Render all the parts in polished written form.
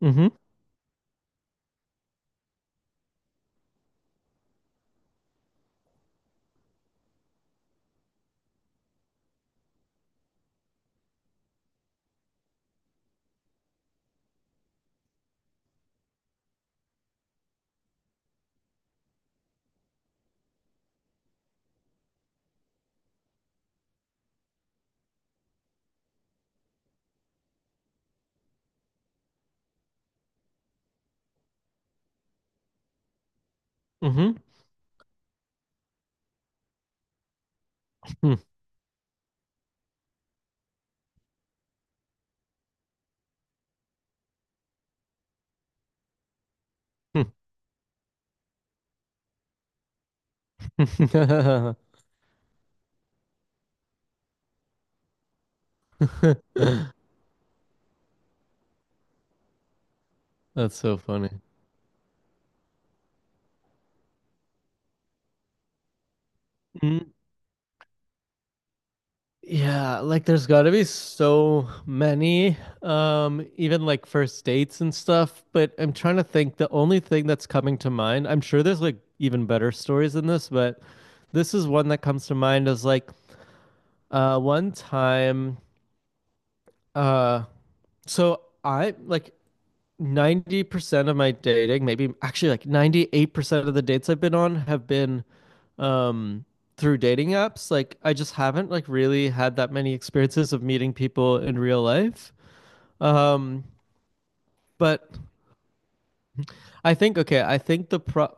Mm-hmm. Mm-hmm. That's so funny. Mm, yeah, like there's got to be so many, even like first dates and stuff. But I'm trying to think. The only thing that's coming to mind, I'm sure there's like even better stories than this, but this is one that comes to mind is like one time, uh, so I like 90% of my dating, maybe actually like 98% of the dates I've been on have been um through dating apps. Like I just haven't like really had that many experiences of meeting people in real life. Um but I think, okay,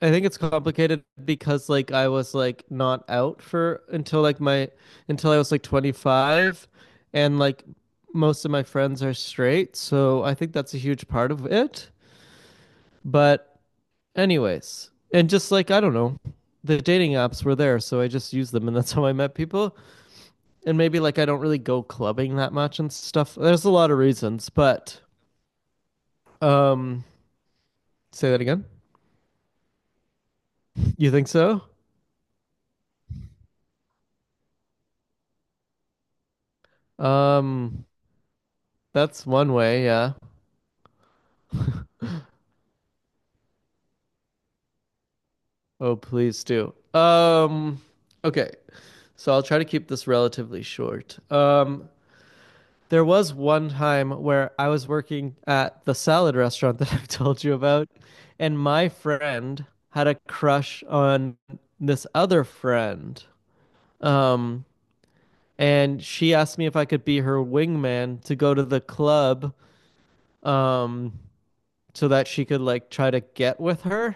I think it's complicated because like I was like not out for until like my until I was like 25, and like most of my friends are straight, so I think that's a huge part of it. But anyways, and just like I don't know, the dating apps were there, so I just used them, and that's how I met people. And maybe like I don't really go clubbing that much and stuff. There's a lot of reasons, but um, say that again. You think so? Um, that's one way. Yeah. Oh, please do. Okay. So I'll try to keep this relatively short. There was one time where I was working at the salad restaurant that I have told you about, and my friend had a crush on this other friend. Um, and she asked me if I could be her wingman to go to the club, um, so that she could like try to get with her.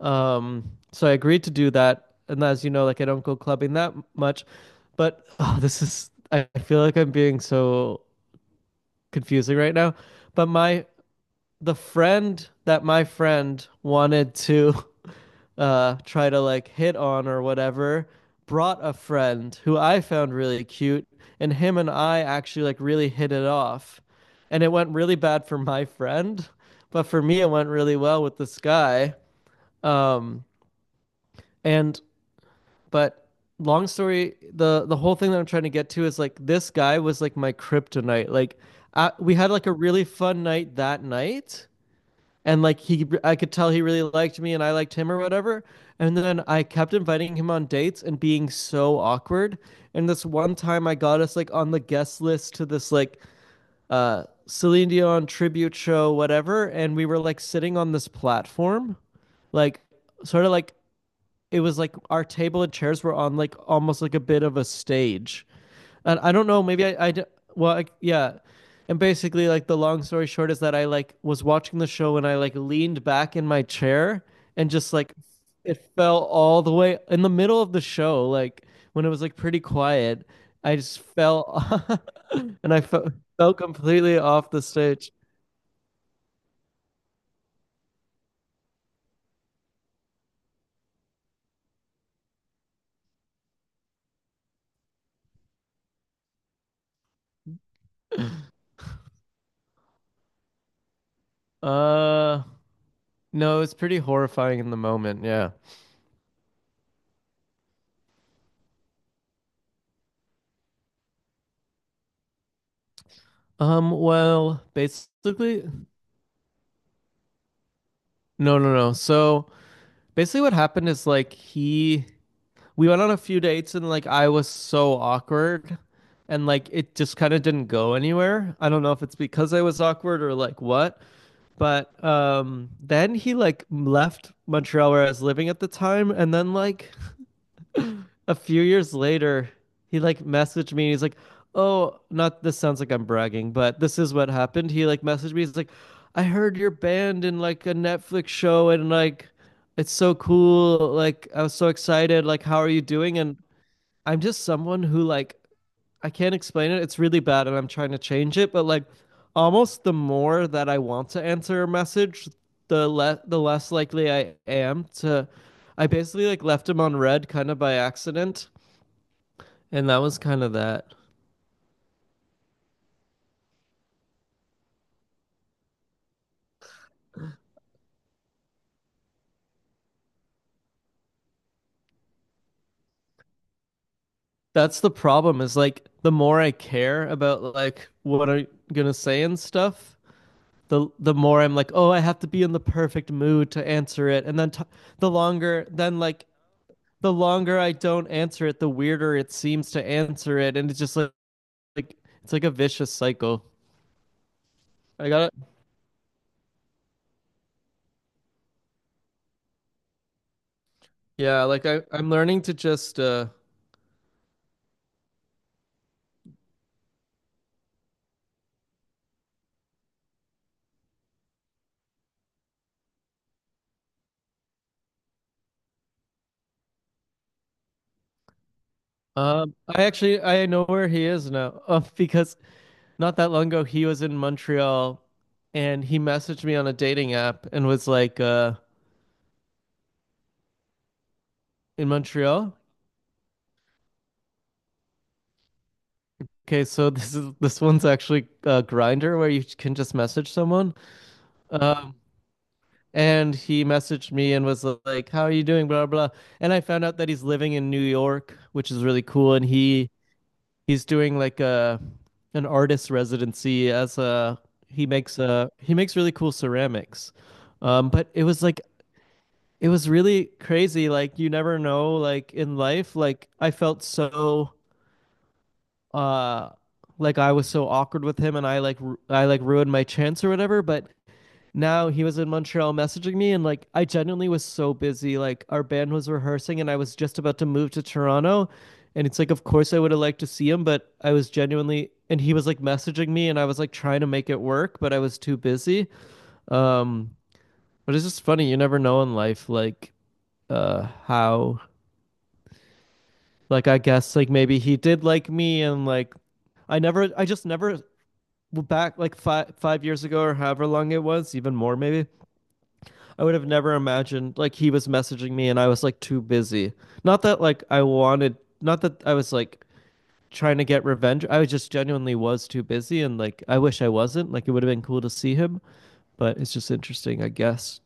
So I agreed to do that. And as you know, like I don't go clubbing that much, but oh, this is, I feel like I'm being so confusing right now. But my the friend that my friend wanted to try to like hit on or whatever brought a friend who I found really cute, and him and I actually like really hit it off, and it went really bad for my friend, but for me it went really well with this guy. Um and but long story, the whole thing that I'm trying to get to is like this guy was like my kryptonite, like we had like a really fun night that night, and like he, I could tell he really liked me, and I liked him or whatever. And then I kept inviting him on dates and being so awkward. And this one time I got us like on the guest list to this like Celine Dion tribute show, whatever, and we were like sitting on this platform, like sort of like, it was like our table and chairs were on like almost like a bit of a stage. And I don't know, maybe I, well, I, yeah. And basically, like the long story short is that I like was watching the show and I like leaned back in my chair, and just like it fell all the way in the middle of the show, like when it was like pretty quiet. I just fell and fell completely off the stage. Uh, no, it's pretty horrifying in the moment. Yeah. Well, basically, no, no, no. So basically, what happened is like we went on a few dates, and like I was so awkward, and like it just kind of didn't go anywhere. I don't know if it's because I was awkward or like what, but then he like left Montreal where I was living at the time, and then like a few years later, he like messaged me and he's like, oh, not, this sounds like I'm bragging, but this is what happened. He like messaged me, he's like, I heard your band in like a Netflix show, and like it's so cool. Like I was so excited. Like, how are you doing? And I'm just someone who, like, I can't explain it. It's really bad and I'm trying to change it, but like almost the more that I want to answer a message, the less likely I am to. I basically like left him on red kind of by accident, and that was kind of that. That's the problem, is like the more I care about like what I'm gonna say and stuff, the more I'm like, oh, I have to be in the perfect mood to answer it, and then the longer then like the longer I don't answer it, the weirder it seems to answer it, and it's just like it's like a vicious cycle. I got it. Yeah, like I'm learning to just I actually, I know where he is now. Because not that long ago, he was in Montreal and he messaged me on a dating app and was like in Montreal. Okay, so this one's actually a grinder where you can just message someone. um and he messaged me and was like, how are you doing, blah blah, and I found out that he's living in New York, which is really cool, and he's doing like a an artist residency as a he makes really cool ceramics. But it was like, it was really crazy. Like you never know, like in life, like I felt so uh like I was so awkward with him, and I like ruined my chance or whatever, but now he was in Montreal messaging me, and like I genuinely was so busy. Like our band was rehearsing, and I was just about to move to Toronto, and it's like, of course I would have liked to see him, but I was genuinely, and he was like messaging me, and I was like trying to make it work, but I was too busy. Um but it's just funny, you never know in life like how. Like I guess like maybe he did like me, and like I just never, well, back like five years ago, or however long it was, even more maybe. I would have never imagined like he was messaging me, and I was like too busy. Not that like I wanted, not that I was like trying to get revenge. I just genuinely was too busy and like I wish I wasn't. Like it would have been cool to see him, but it's just interesting, I guess.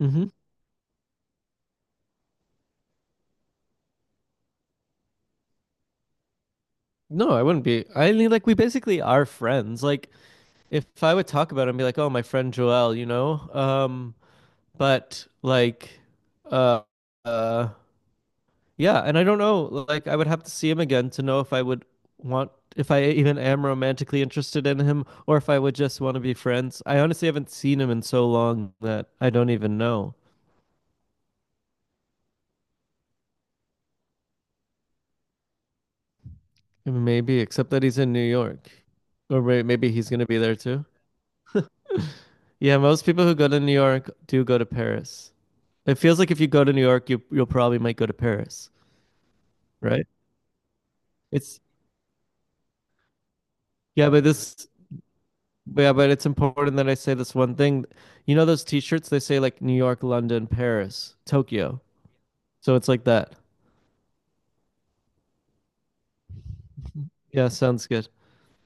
hmm No, I wouldn't be. I mean, like we basically are friends. Like, if I would talk about it and be like, oh, my friend Joel, but like, uh, uh, yeah. And I don't know, like, I would have to see him again to know if I would want, if I even am romantically interested in him, or if I would just want to be friends. I honestly haven't seen him in so long that I don't even know. Maybe, except that he's in New York, or maybe he's gonna be there too. Yeah, most people who go to New York do go to Paris. It feels like if you go to New York, you'll probably might go to Paris, right? It's Yeah, but this, yeah, but it's important that I say this one thing. You know those T-shirts? They say like New York, London, Paris, Tokyo. So it's like that. Yeah, sounds good.